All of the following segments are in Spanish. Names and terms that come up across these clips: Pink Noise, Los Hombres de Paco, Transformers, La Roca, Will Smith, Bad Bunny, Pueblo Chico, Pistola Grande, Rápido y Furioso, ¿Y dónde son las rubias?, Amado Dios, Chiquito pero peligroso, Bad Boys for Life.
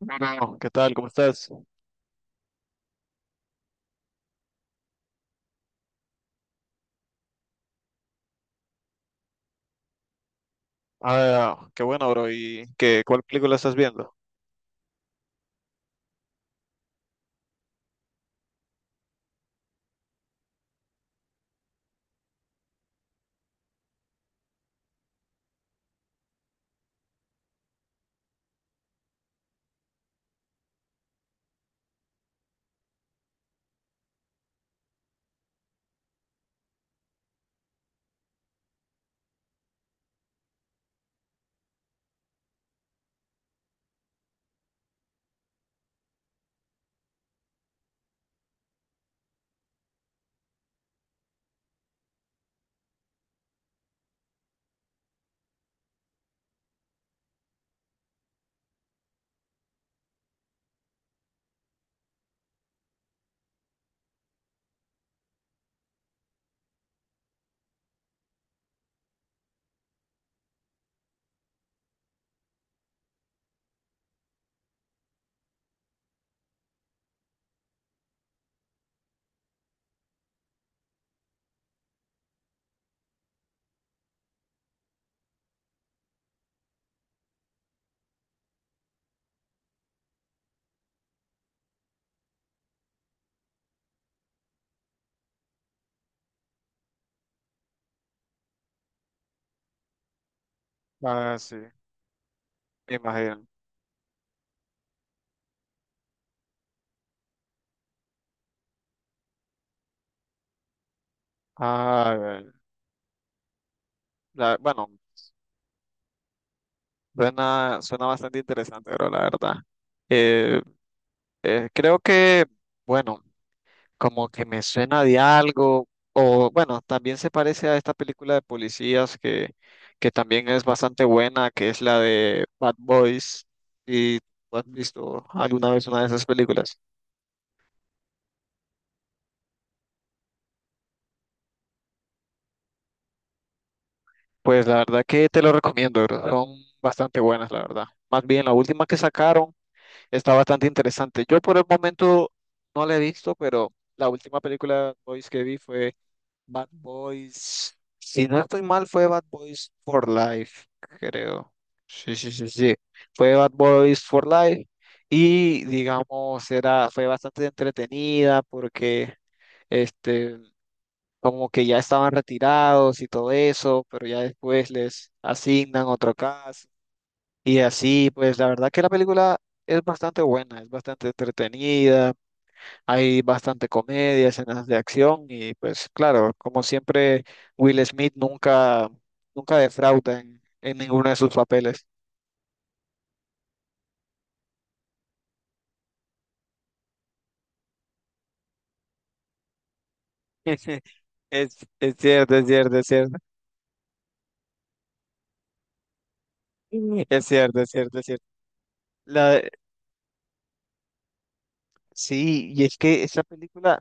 Bueno, ¿qué tal? ¿Cómo estás? Ah, qué bueno, bro. ¿Y qué, cuál película estás viendo? Ah, sí, me imagino. Ah, bueno, suena bastante interesante, bro, la verdad. Eh, Creo que, bueno, como que me suena de algo, o bueno, también se parece a esta película de policías que también es bastante buena, que es la de Bad Boys. ¿Y tú has visto alguna vez una de esas películas? Pues la verdad que te lo recomiendo, bro. Son bastante buenas, la verdad. Más bien, la última que sacaron está bastante interesante. Yo por el momento no la he visto, pero la última película de Bad Boys que vi fue Bad Boys. Si no estoy mal, fue Bad Boys for Life, creo. Sí, sí, sí, sí. Fue Bad Boys for Life y digamos, fue bastante entretenida. Porque... Este, Como que ya estaban retirados y todo eso, pero ya después les asignan otro caso. Y así, pues la verdad que la película es bastante buena, es bastante entretenida, hay bastante comedia, escenas de acción y pues claro, como siempre, Will Smith nunca, nunca defrauda en ninguno de sus papeles. Es cierto, es cierto, es cierto. Mm. Es cierto, es cierto, es cierto. La, sí, y es que esa película.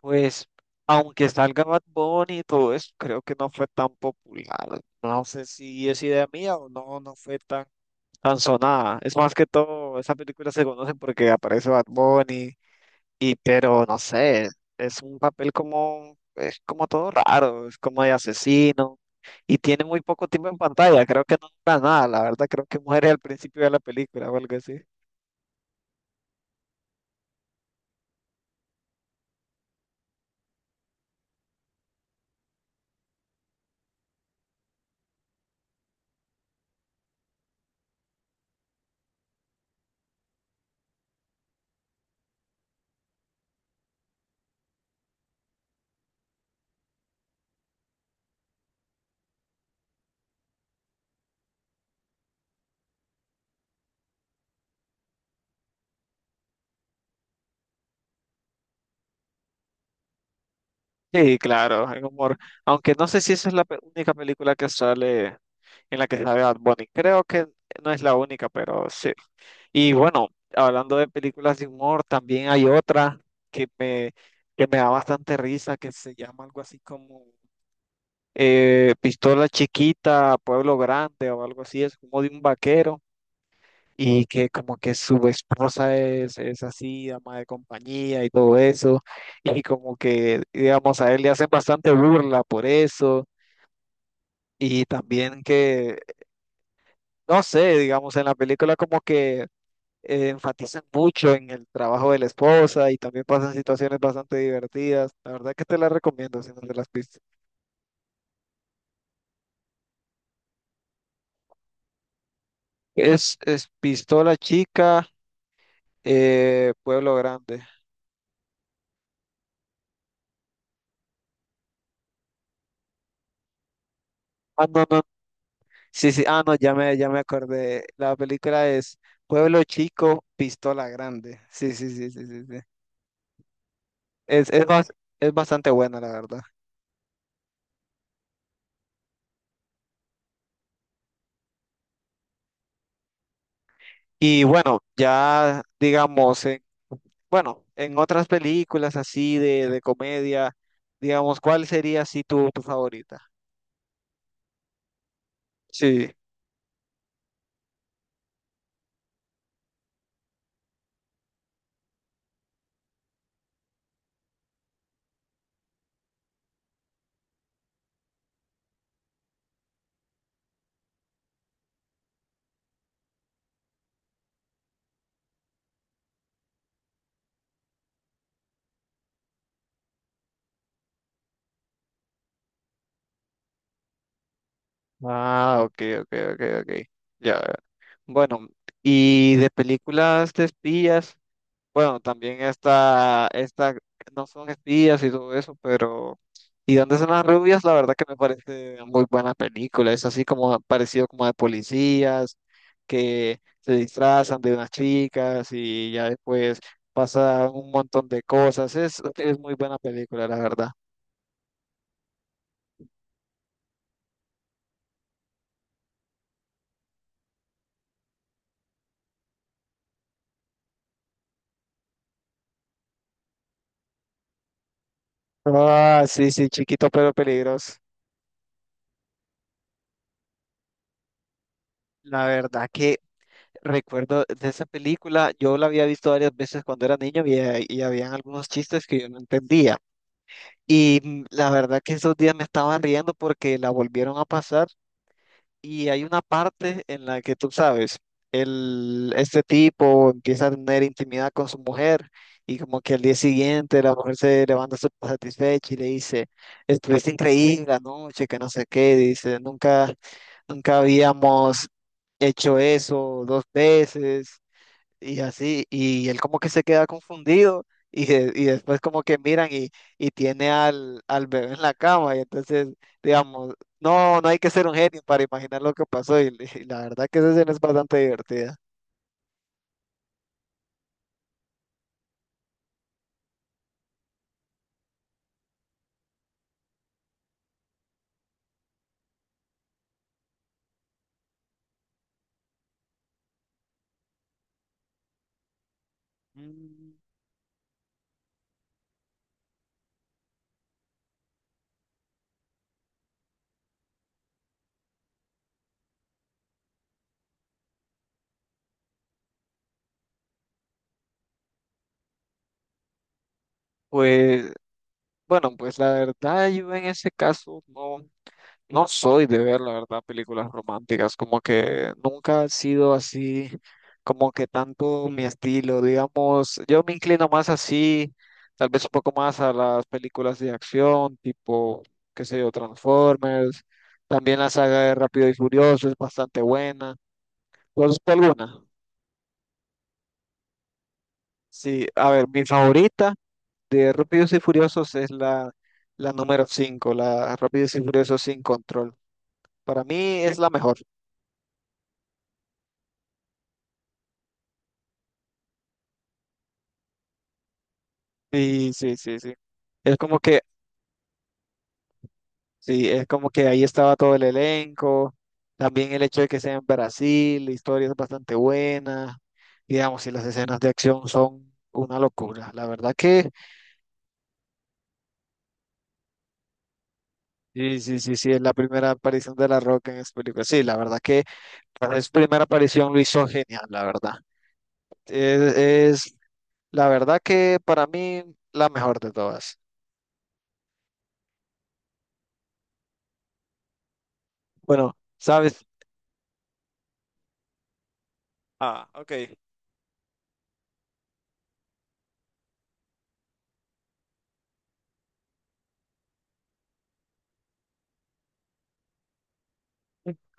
Pues, aunque salga Bad Bunny y todo eso, creo que no fue tan popular. No sé si es idea mía o no, no fue tan sonada. Es más que todo, esa película se conoce porque aparece Bad Bunny, y pero no sé, es como todo raro, es como de asesino, y tiene muy poco tiempo en pantalla, creo que no dura nada, la verdad creo que muere al principio de la película o algo así. Sí, claro, hay humor. Aunque no sé si esa es la única película que sale en la que sale Bad Bunny. Creo que no es la única, pero sí. Y bueno, hablando de películas de humor, también hay otra que me, que me da bastante risa, que se llama algo así como Pistola Chiquita, Pueblo Grande o algo así. Es como de un vaquero y que como que su esposa es así, dama de compañía y todo eso, y como que, digamos, a él le hacen bastante burla por eso, y también que, no sé, digamos, en la película como que enfatizan mucho en el trabajo de la esposa y también pasan situaciones bastante divertidas. La verdad que te la recomiendo si no te las viste. Es Pistola Chica, Pueblo Grande. Ah, no, no, sí, sí, ah, no, ya me acordé. La película es Pueblo Chico, Pistola Grande. Sí, sí, sí, sí, sí, sí. Es, es, bas- es bastante buena, la verdad. Y bueno, ya digamos, bueno, en otras películas así de comedia, digamos, ¿cuál sería así tu favorita? Sí. Ah, ok, ok, ok, ok. Ya. Bueno, y de películas de espías. Bueno, también no son espías y todo eso, pero. ¿Y dónde son las rubias? La verdad que me parece una muy buena película. Es así como parecido como de policías que se disfrazan de unas chicas y ya después pasa un montón de cosas. Es muy buena película, la verdad. Ah, sí, sí, chiquito pero peligroso. La verdad que recuerdo de esa película, yo la había visto varias veces cuando era niño y habían algunos chistes que yo no entendía. Y la verdad que esos días me estaba riendo porque la volvieron a pasar y hay una parte en la que tú sabes, el, este tipo empieza a tener intimidad con su mujer y como que al día siguiente la mujer se levanta súper satisfecha y le dice, estuviste increíble anoche, que no sé qué, dice, nunca, nunca habíamos hecho eso dos veces. Y así, y él como que se queda confundido y después como que miran y tiene al, al bebé en la cama y entonces, digamos, no, no hay que ser un genio para imaginar lo que pasó y la verdad que esa escena es bastante divertida. Pues, bueno, pues la verdad yo en ese caso no. No soy de ver, la verdad, películas románticas, como que nunca ha sido así, como que tanto mi estilo, digamos, yo me inclino más así, tal vez un poco más a las películas de acción, tipo, qué sé yo, Transformers, también la saga de Rápido y Furioso es bastante buena. ¿Tú has visto alguna? Sí, a ver, mi favorita de Rápidos y Furiosos es la número cinco, la Rápidos y Furiosos sin control. Para mí es la mejor. Sí, sí, sí, sí. Es como que, sí, es como que ahí estaba todo el elenco, también el hecho de que sea en Brasil, la historia es bastante buena, digamos, y las escenas de acción son una locura. La verdad que, sí, sí, sí, sí, es la primera aparición de La Roca en esta película. Sí, la verdad que para su primera aparición lo hizo genial, la verdad. Es, es, la verdad que para mí, la mejor de todas. Bueno, ¿sabes? Ah, ok.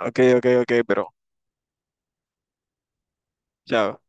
Ok, ok, ok, pero, chao.